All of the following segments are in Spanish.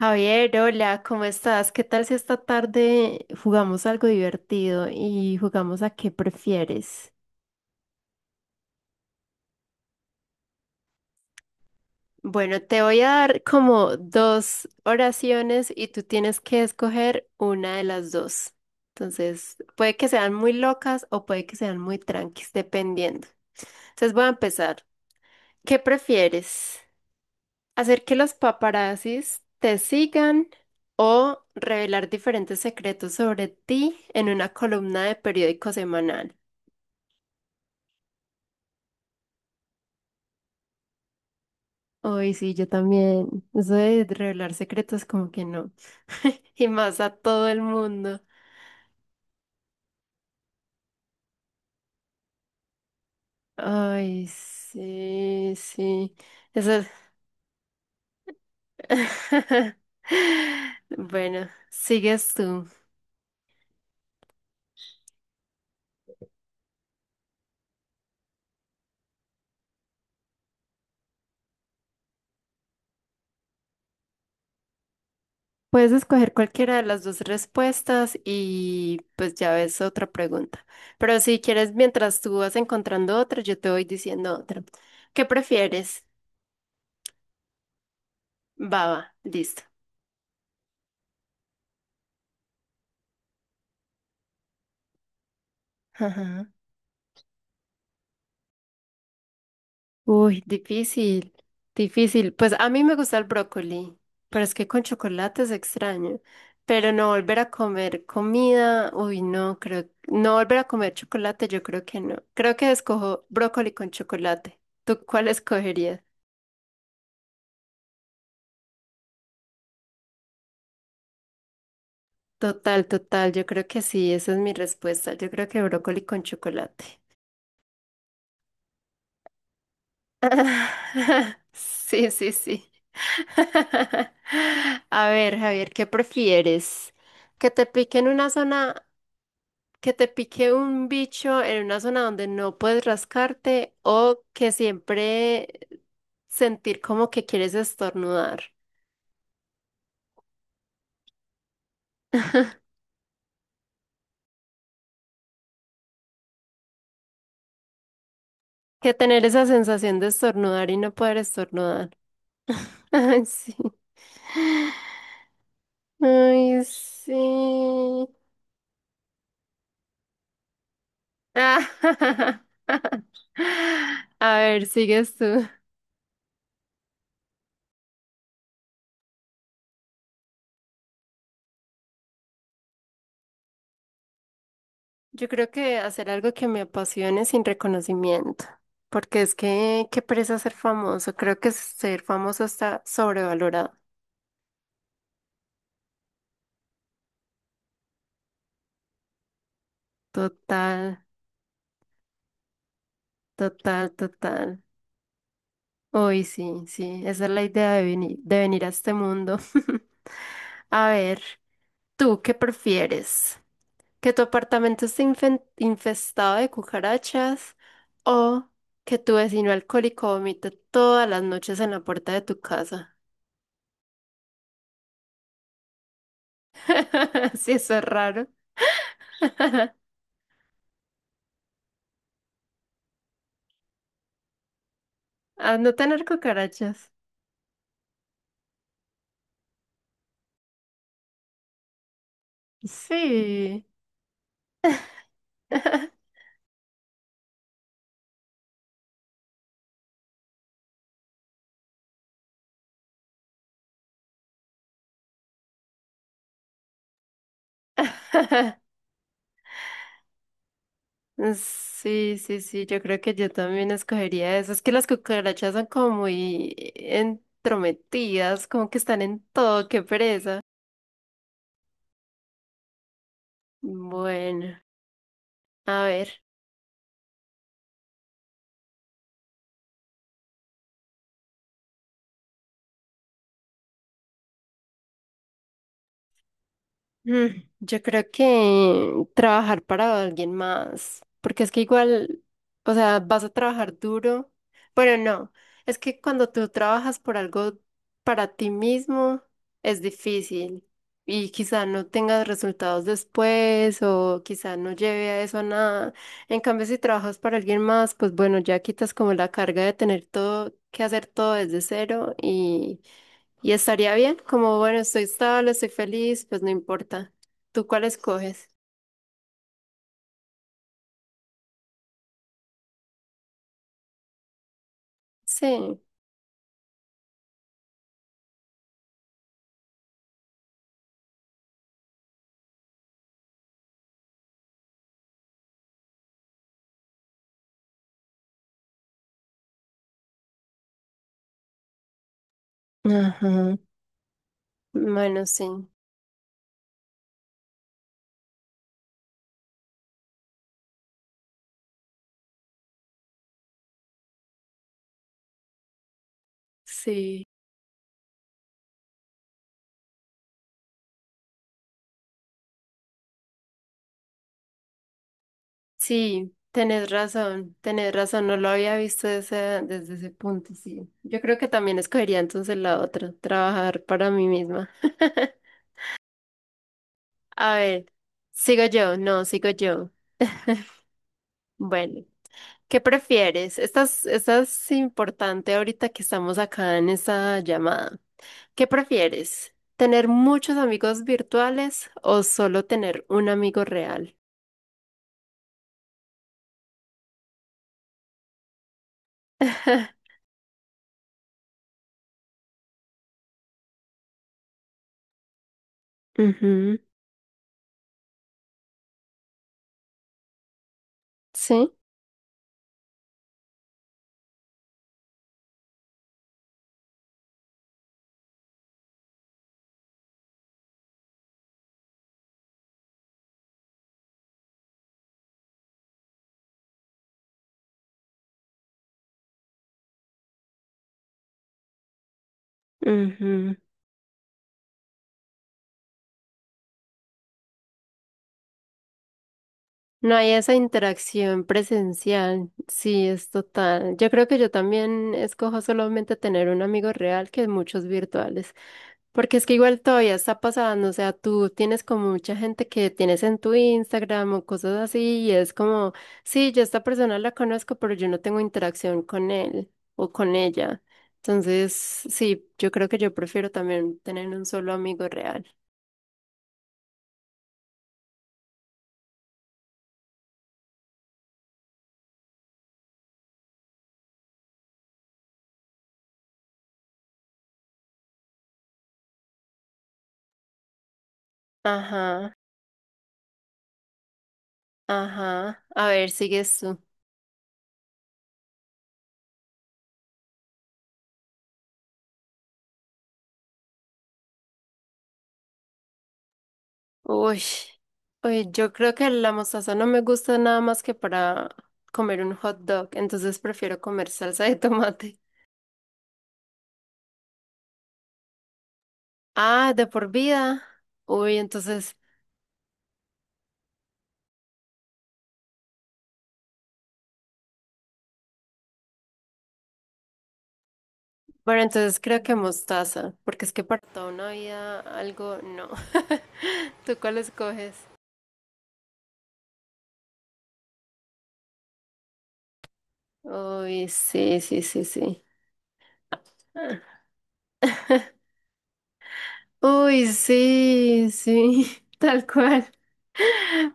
Javier, hola, ¿cómo estás? ¿Qué tal si esta tarde jugamos algo divertido y jugamos a qué prefieres? Bueno, te voy a dar como dos oraciones y tú tienes que escoger una de las dos. Entonces, puede que sean muy locas o puede que sean muy tranquis, dependiendo. Entonces voy a empezar. ¿Qué prefieres? Hacer que los paparazzis te sigan o revelar diferentes secretos sobre ti en una columna de periódico semanal. Uy, sí, yo también. Eso de revelar secretos como que no. Y más a todo el mundo. Ay, sí, sí. Eso es- Bueno, sigues tú. Puedes escoger cualquiera de las dos respuestas y pues ya ves otra pregunta. Pero si quieres, mientras tú vas encontrando otra, yo te voy diciendo otra. ¿Qué prefieres? Baba, listo. Ajá. Uy, difícil, difícil. Pues a mí me gusta el brócoli, pero es que con chocolate es extraño. Pero no volver a comer comida, uy, no, creo, no volver a comer chocolate, yo creo que no. Creo que escojo brócoli con chocolate. ¿Tú cuál escogerías? Total, total, yo creo que sí, esa es mi respuesta. Yo creo que brócoli con chocolate. Sí, sí, sí. A ver, Javier, ¿qué prefieres? ¿Que te pique en una zona, que te pique un bicho en una zona donde no puedes rascarte o que siempre sentir como que quieres estornudar? Que tener esa sensación de estornudar y no poder estornudar. Ay, sí. Ay, sí. A ver, sigues tú. Yo creo que hacer algo que me apasione sin reconocimiento, porque es que qué pereza ser famoso. Creo que ser famoso está sobrevalorado. Total, total, total. Hoy sí, sí, esa es la idea de venir a este mundo. A ver, ¿tú qué prefieres? Que tu apartamento esté infestado de cucarachas o que tu vecino alcohólico vomite todas las noches en la puerta de tu casa. Sí, eso es raro. A no tener cucarachas. Sí. Sí, sí, sí, yo creo que yo también escogería eso. Es que las cucarachas son como muy entrometidas, como que están en todo, qué pereza. Bueno, a ver. Yo creo que trabajar para alguien más, porque es que igual, o sea, vas a trabajar duro, bueno, no, es que cuando tú trabajas por algo para ti mismo es difícil y quizá no tengas resultados después o quizá no lleve a eso a nada. En cambio, si trabajas para alguien más, pues bueno, ya quitas como la carga de tener todo que hacer todo desde cero y estaría bien, como bueno, estoy estable, estoy feliz, pues no importa. ¿Tú cuál escoges? Sí, ajá, bueno, sí, sí, sí, tenés razón, no lo había visto desde, desde ese punto, sí. Yo creo que también escogería entonces la otra, trabajar para mí misma. A ver, sigo yo, no, sigo yo. Bueno. ¿Qué prefieres? Esta es importante ahorita que estamos acá en esta llamada. ¿Qué prefieres? ¿Tener muchos amigos virtuales o solo tener un amigo real? Ujú. Sí. Ujú. No hay esa interacción presencial, sí, es total. Yo creo que yo también escojo solamente tener un amigo real que muchos virtuales, porque es que igual todavía está pasando, o sea, tú tienes como mucha gente que tienes en tu Instagram o cosas así, y es como, sí, yo a esta persona la conozco, pero yo no tengo interacción con él o con ella. Entonces, sí, yo creo que yo prefiero también tener un solo amigo real. Ajá, ajá. A ver, sigues tú. Uy, uy, yo creo que la mostaza no me gusta nada más que para comer un hot dog, entonces prefiero comer salsa de tomate. Ah, de por vida. Uy, entonces, bueno, entonces creo que mostaza, porque es que para toda una vida algo no. ¿Tú cuál escoges? Uy, sí, sí, sí, sí. Uy, sí, sí, tal cual.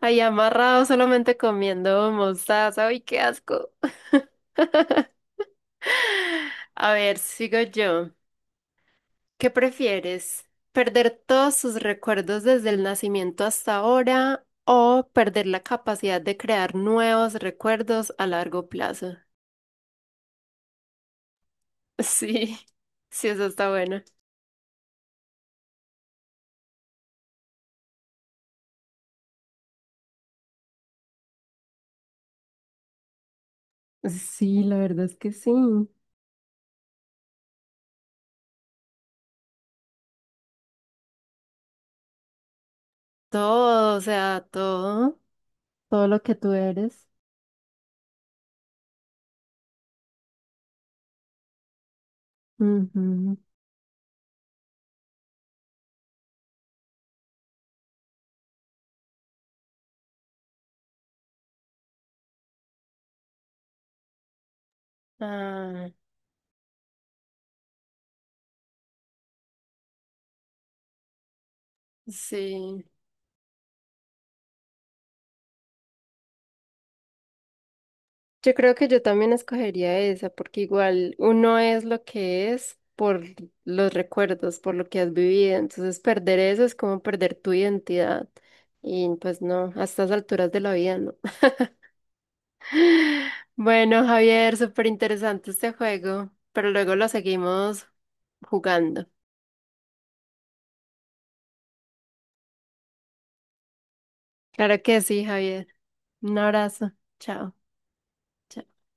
Ahí amarrado solamente comiendo mostaza. Uy, qué asco. A ver, sigo yo. ¿Qué prefieres? ¿Perder todos sus recuerdos desde el nacimiento hasta ahora o perder la capacidad de crear nuevos recuerdos a largo plazo? Sí, sí, eso está bueno. Sí, la verdad es que sí. Todo, o sea, todo. Todo lo que tú eres. Ujú. Ah, sí. Yo creo que yo también escogería esa, porque igual uno es lo que es por los recuerdos, por lo que has vivido. Entonces, perder eso es como perder tu identidad. Y pues no, a estas alturas de la vida no. Bueno, Javier, súper interesante este juego, pero luego lo seguimos jugando. Claro que sí, Javier. Un abrazo. Chao.